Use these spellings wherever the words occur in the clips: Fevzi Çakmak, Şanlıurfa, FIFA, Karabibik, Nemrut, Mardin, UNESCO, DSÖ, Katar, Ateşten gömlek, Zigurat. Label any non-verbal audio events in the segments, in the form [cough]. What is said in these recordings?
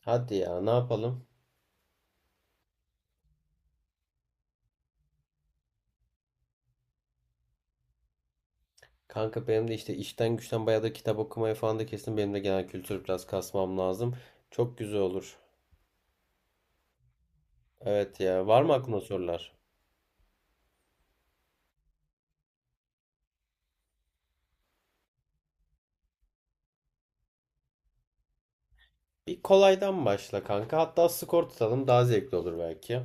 Hadi ya ne yapalım? Kanka benim de işte işten güçten bayağı da kitap okumaya falan da kesin benim de genel kültür biraz kasmam lazım. Çok güzel olur. Evet ya var mı aklına sorular? Bir kolaydan başla kanka. Hatta skor tutalım daha zevkli olur belki.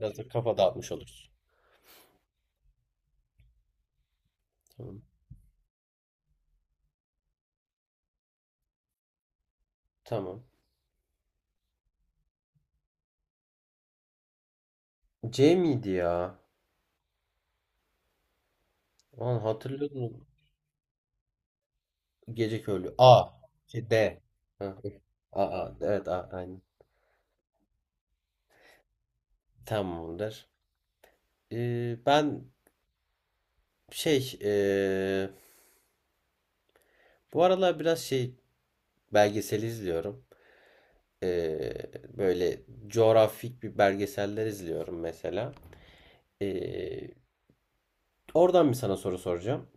Biraz da kafa dağıtmış oluruz. Tamam. Tamam. C miydi ya? Lan hatırlıyordum. Gece köylü. A. Şey, D. Ha. A, A. Evet A. Aynen. Tamamdır. Ben şey bu aralar biraz şey belgesel izliyorum. Ee, Böyle coğrafik bir belgeseller izliyorum mesela. Ee, Oradan bir sana soru soracağım.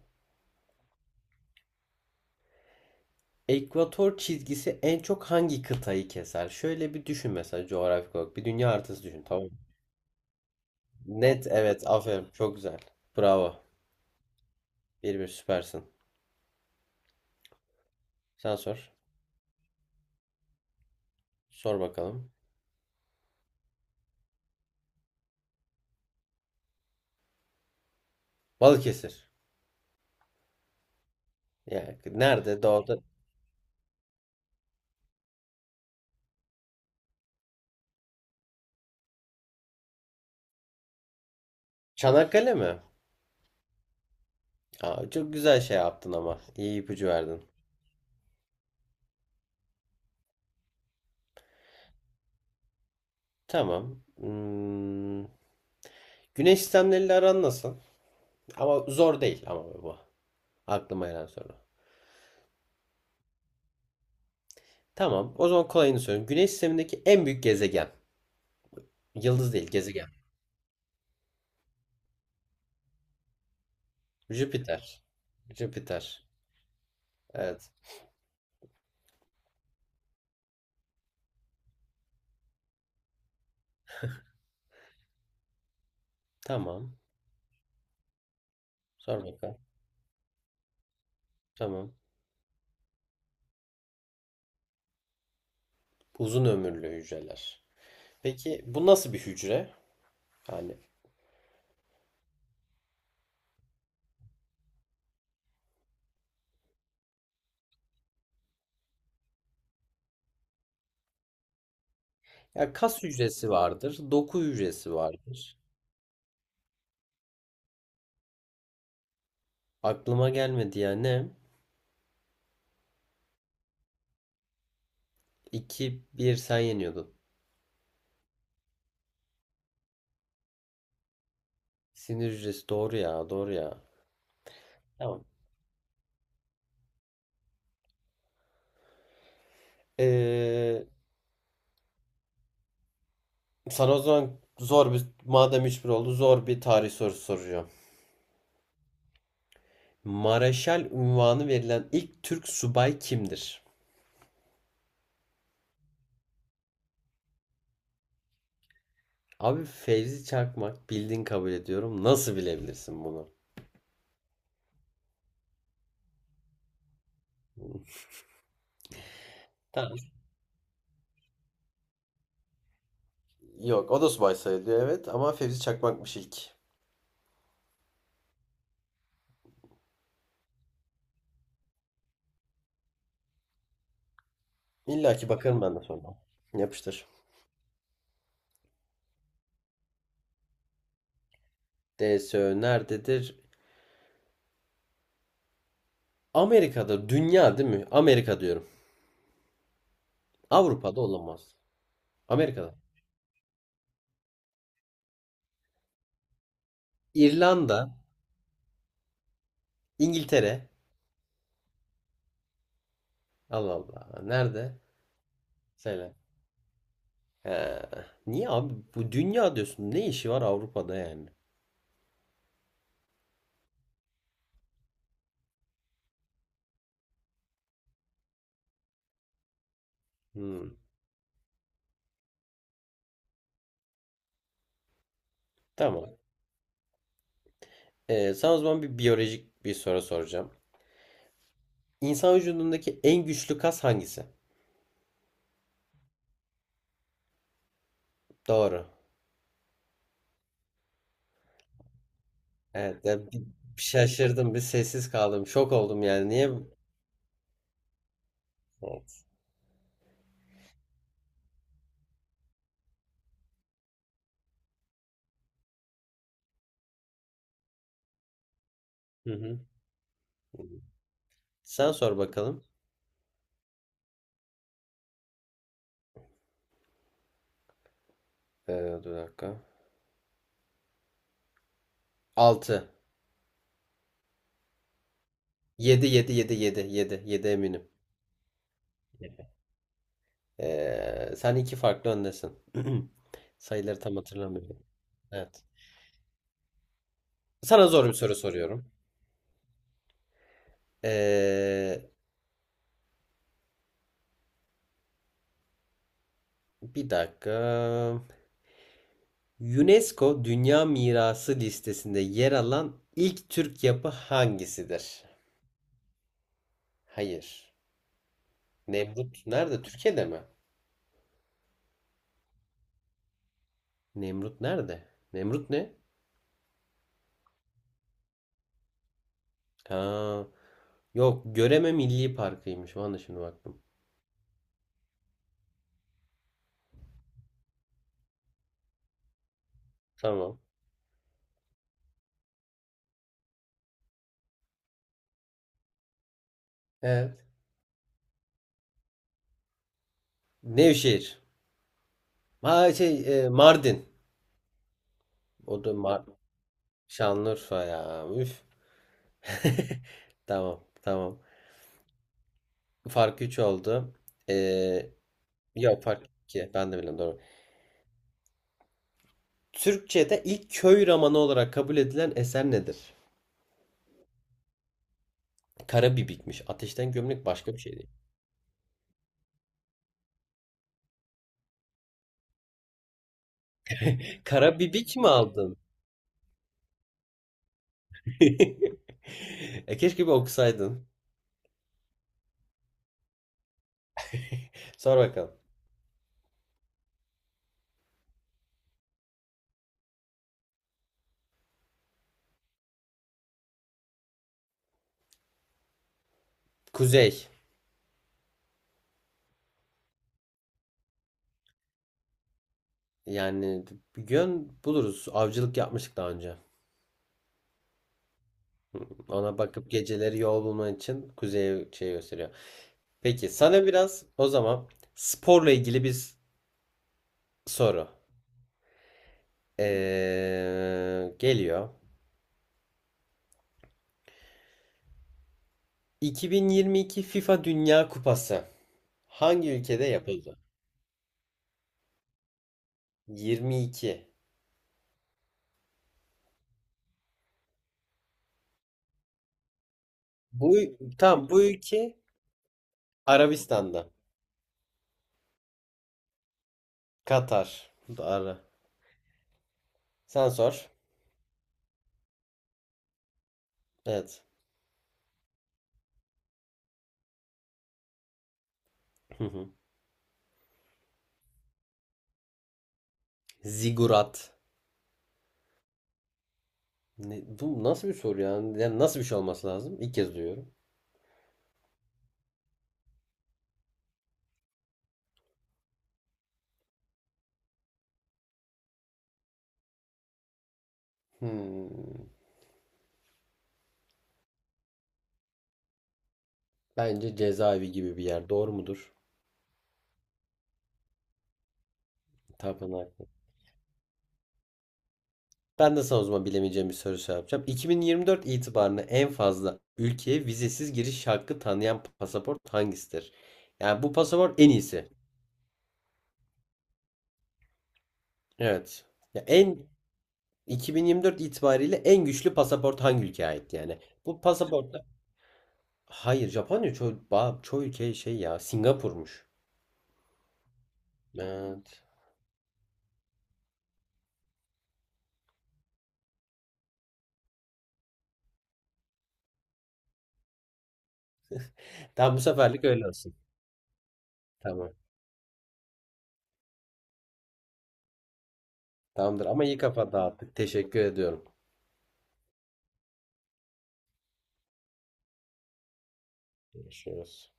Ekvator çizgisi en çok hangi kıtayı keser? Şöyle bir düşün mesela coğrafik olarak. Bir dünya haritası düşün tamam mı? Net evet, aferin, çok güzel. Bravo. 1-1, süpersin. Sen sor. Sor bakalım. Balıkesir. Yani nerede, doğuda? Çanakkale mi? Aa, çok güzel şey yaptın ama. İyi ipucu verdin. Tamam. Güneş sistemleriyle aran nasıl? Ama zor değil ama bu. Aklıma gelen soru. Tamam. O zaman kolayını sorayım. Güneş sistemindeki en büyük gezegen. Yıldız değil, gezegen. Jüpiter. Jüpiter. Evet. Tamam. Sor bakalım. Tamam. Uzun ömürlü hücreler. Peki bu nasıl bir hücre? Yani ya kas hücresi vardır, doku hücresi vardır. Aklıma gelmedi ya, ne? 2-1 sen yeniyordun. Sinir hücresi, doğru ya, doğru ya. Tamam. Ee, Sana o zaman madem 3-1 oldu zor bir tarih sorusu soracağım. Mareşal unvanı verilen ilk Türk subay kimdir? Abi Fevzi Çakmak bildin, kabul ediyorum. Nasıl bilebilirsin bunu? Tamam. Yok, o da subay sayılıyor evet, ama Fevzi Çakmak'mış ilk. İlla ki bakarım ben de sonra. Yapıştır. DSÖ nerededir? Amerika'da, dünya değil mi? Amerika diyorum. Avrupa'da olamaz. Amerika'da. İrlanda, İngiltere. Allah Allah. Nerede? Söyle. Ee, Niye abi? Bu dünya diyorsun. Ne işi var Avrupa'da yani? Hmm, tamam. Sana o zaman bir biyolojik bir soru soracağım. İnsan vücudundaki en güçlü kas hangisi? Doğru. Evet. Ya bir şaşırdım. Bir sessiz kaldım. Şok oldum yani. Niye? Evet. Hı hı. Sen sor bakalım. Dur dakika. 6. Yedi, 7, yedi, 7, 7, 7 eminim. Sen iki farklı öndesin. [clears throat] Sayıları tam hatırlamıyorum. Evet. Sana zor bir soru soruyorum. Ee, Bir dakika. UNESCO Dünya Mirası listesinde yer alan ilk Türk yapı hangisidir? Hayır. Nemrut nerede? Türkiye'de mi? Nemrut nerede? Nemrut ne? Ha, yok, Göreme Milli Parkı'ymış. Bana şimdi baktım. Tamam. Evet. Nevşehir. Ha, şey, Mardin. O da Şanlıurfa ya. Üf. [laughs] Tamam, tamam. Fark 3 oldu. Ee, Yok, fark ki. Ben de bilmiyorum, doğru. Türkçe'de ilk köy romanı olarak kabul edilen eser nedir? Karabibikmiş. Ateşten gömlek başka bir şey değil. Karabibik mi aldın? [laughs] E keşke bir okusaydın. Sor bakalım. Kuzey. Yani bir gün buluruz. Avcılık yapmıştık daha önce. Ona bakıp geceleri yol bulman için kuzeye şey gösteriyor. Peki sana biraz o zaman sporla ilgili bir soru. Geliyor. 2022 FIFA Dünya Kupası hangi ülkede yapıldı? 22. Bu tam bu ülke Arabistan'da. Katar. Bu da ara. Sen sor. Evet. Hı hı. Zigurat. Bu nasıl bir soru ya? Yani nasıl bir şey olması lazım? İlk kez duyuyorum. Hmm. Bence cezaevi gibi bir yer. Doğru mudur? Tapınak. Ben de sana o zaman bilemeyeceğim bir soru şey yapacağım. 2024 itibarıyla en fazla ülkeye vizesiz giriş hakkı tanıyan pasaport hangisidir? Yani bu pasaport en iyisi. Evet. Ya 2024 itibariyle en güçlü pasaport hangi ülkeye ait yani? Bu pasaportta, hayır, Japonya çoğu, çoğu ülke şey, ya Singapur'muş. Evet. Tamam, bu seferlik öyle olsun. Tamam. Tamamdır ama iyi kafa dağıttık. Teşekkür ediyorum. Görüşürüz.